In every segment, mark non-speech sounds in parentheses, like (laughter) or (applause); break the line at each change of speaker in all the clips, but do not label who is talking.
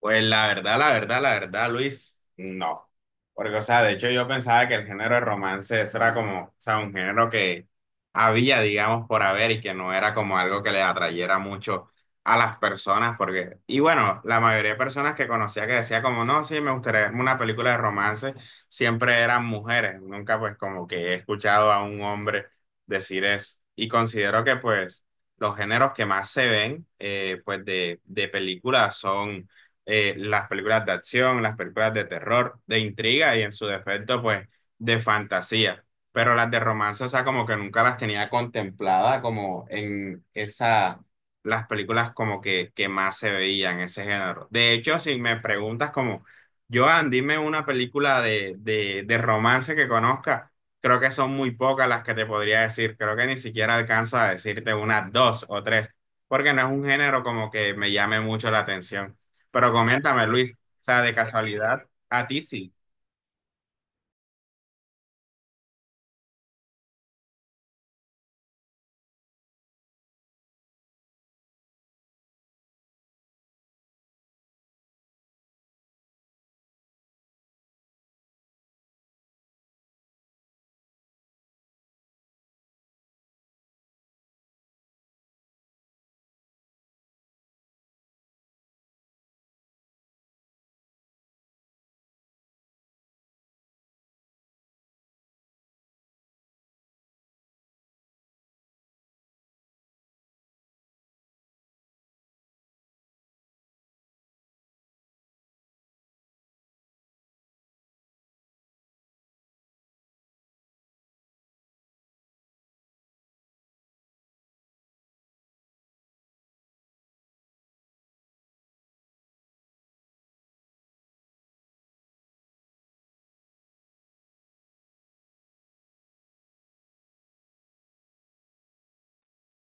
Pues la verdad, la verdad, la verdad, Luis, no. Porque, o sea, de hecho yo pensaba que el género de romance eso era como, o sea, un género que había, digamos, por haber y que no era como algo que le atrayera mucho a las personas, porque, y bueno, la mayoría de personas que conocía que decía como, no, sí, me gustaría verme una película de romance, siempre eran mujeres. Nunca pues como que he escuchado a un hombre decir eso. Y considero que pues los géneros que más se ven, pues de películas son las películas de acción, las películas de terror, de intriga y en su defecto, pues, de fantasía. Pero las de romance, o sea, como que nunca las tenía contemplada como en esa, las películas como que más se veían, ese género. De hecho, si me preguntas como, Joan, dime una película de romance que conozca. Creo que son muy pocas las que te podría decir. Creo que ni siquiera alcanzo a decirte unas dos o tres, porque no es un género como que me llame mucho la atención. Pero coméntame, Luis, o sea, de casualidad, a ti sí.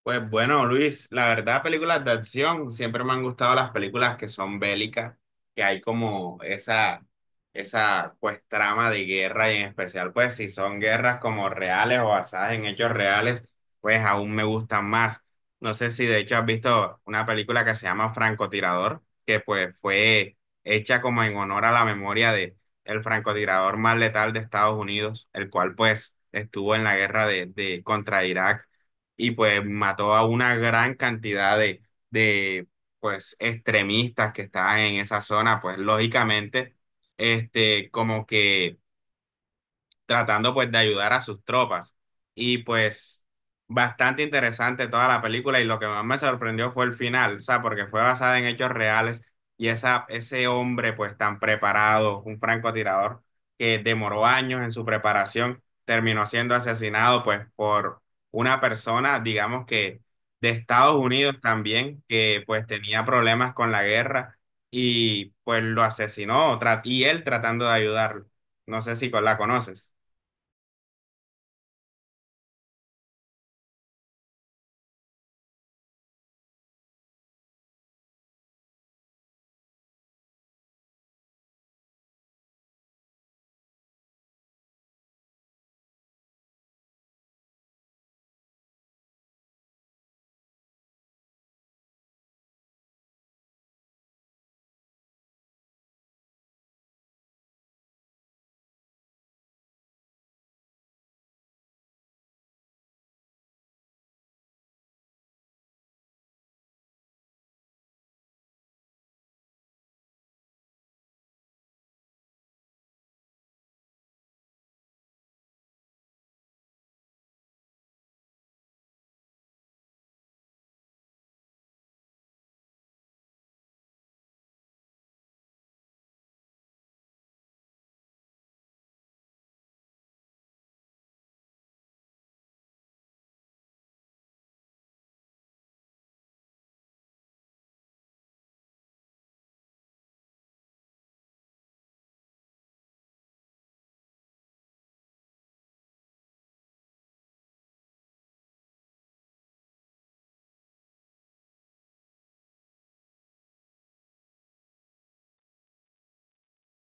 Pues bueno, Luis, la verdad, películas de acción, siempre me han gustado las películas que son bélicas, que hay como esa pues trama de guerra y en especial pues si son guerras como reales o basadas en hechos reales, pues aún me gustan más. No sé si de hecho has visto una película que se llama Francotirador, que pues fue hecha como en honor a la memoria de el francotirador más letal de Estados Unidos, el cual pues estuvo en la guerra de contra Irak y pues mató a una gran cantidad de pues extremistas que estaban en esa zona, pues lógicamente, este, como que tratando pues de ayudar a sus tropas. Y pues bastante interesante toda la película y lo que más me sorprendió fue el final, o sea, porque fue basada en hechos reales y esa, ese hombre pues tan preparado, un francotirador que demoró años en su preparación, terminó siendo asesinado pues por una persona, digamos que de Estados Unidos también, que pues tenía problemas con la guerra y pues lo asesinó y él tratando de ayudarlo. No sé si la conoces.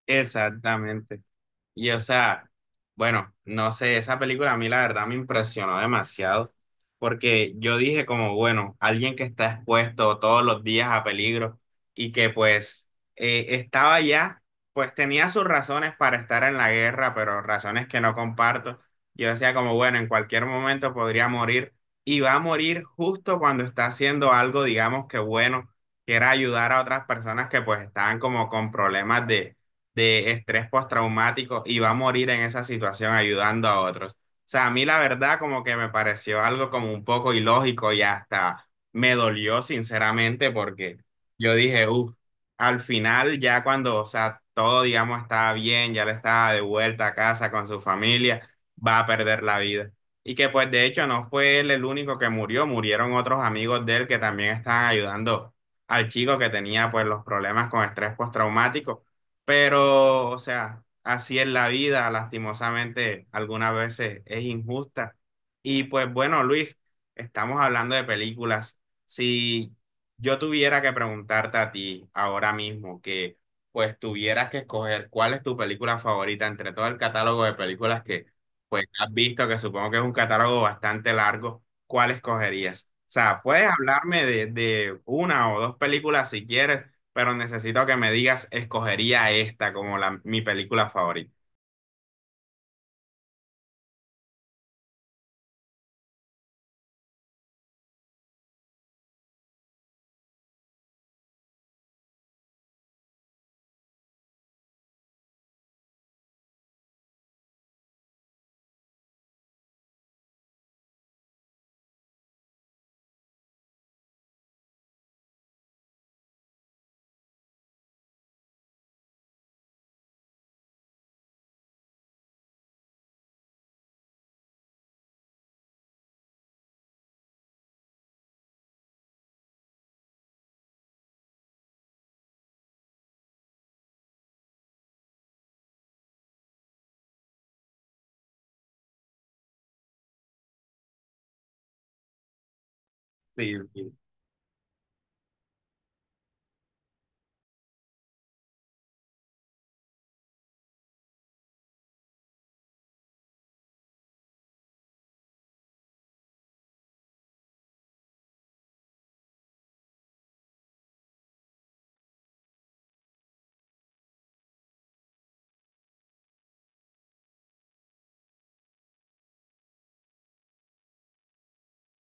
Exactamente. Y o sea, bueno, no sé, esa película a mí la verdad me impresionó demasiado, porque yo dije como, bueno, alguien que está expuesto todos los días a peligro y que pues estaba ya, pues tenía sus razones para estar en la guerra, pero razones que no comparto. Yo decía como, bueno, en cualquier momento podría morir y va a morir justo cuando está haciendo algo, digamos que bueno, que era ayudar a otras personas que pues estaban como con problemas de estrés postraumático y va a morir en esa situación ayudando a otros. O sea, a mí la verdad como que me pareció algo como un poco ilógico y hasta me dolió sinceramente porque yo dije, uff, al final ya cuando, o sea, todo, digamos, estaba bien, ya le estaba de vuelta a casa con su familia, va a perder la vida. Y que pues de hecho no fue él el único que murió, murieron otros amigos de él que también estaban ayudando al chico que tenía pues los problemas con estrés postraumático pero, o sea, así es la vida, lastimosamente, algunas veces es injusta. Y pues bueno, Luis, estamos hablando de películas. Si yo tuviera que preguntarte a ti ahora mismo que pues tuvieras que escoger cuál es tu película favorita entre todo el catálogo de películas que pues has visto, que supongo que es un catálogo bastante largo, ¿cuál escogerías? O sea, puedes hablarme de una o dos películas si quieres pero necesito que me digas, escogería esta como la, mi película favorita. Sí, sí.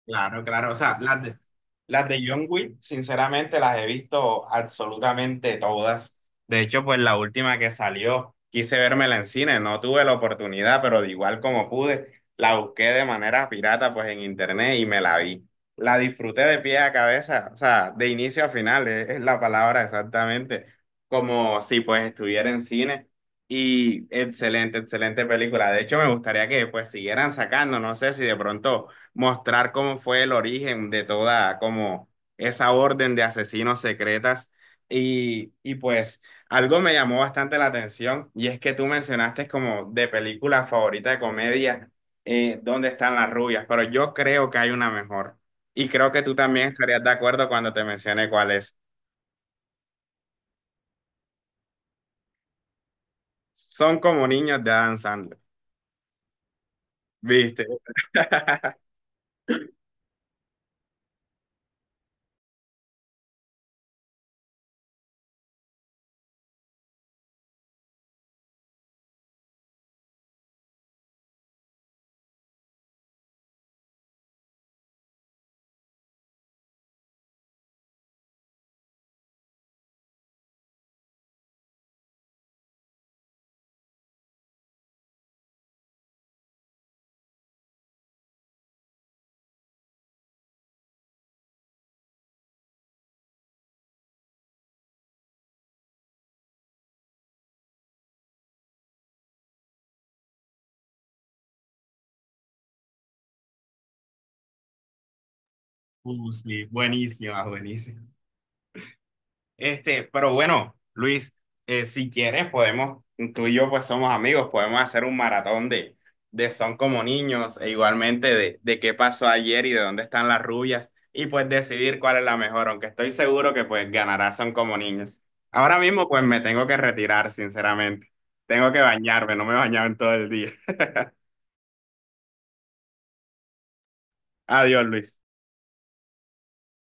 Claro, claro. O sea, las de John Wick, sinceramente, las he visto absolutamente todas. De hecho, pues la última que salió, quise vérmela en cine, no tuve la oportunidad, pero de igual como pude, la busqué de manera pirata, pues en internet y me la vi. La disfruté de pie a cabeza, o sea, de inicio a final, es la palabra exactamente, como si pues estuviera en cine. Y excelente, excelente película. De hecho, me gustaría que pues siguieran sacando, no sé si de pronto mostrar cómo fue el origen de toda como esa orden de asesinos secretas. Y pues algo me llamó bastante la atención y es que tú mencionaste como de película favorita de comedia, ¿dónde están las rubias? Pero yo creo que hay una mejor y creo que tú también estarías de acuerdo cuando te mencioné cuál es. Son como niños de Adam Sandler, ¿viste? Sí, buenísima, buenísima. Este, pero bueno, Luis, si quieres podemos, tú y yo pues somos amigos, podemos hacer un maratón de Son como niños e igualmente de qué pasó ayer y de dónde están las rubias y pues decidir cuál es la mejor, aunque estoy seguro que pues ganará Son como niños. Ahora mismo pues me tengo que retirar, sinceramente. Tengo que bañarme, no me he bañado en todo el día. (laughs) Adiós, Luis.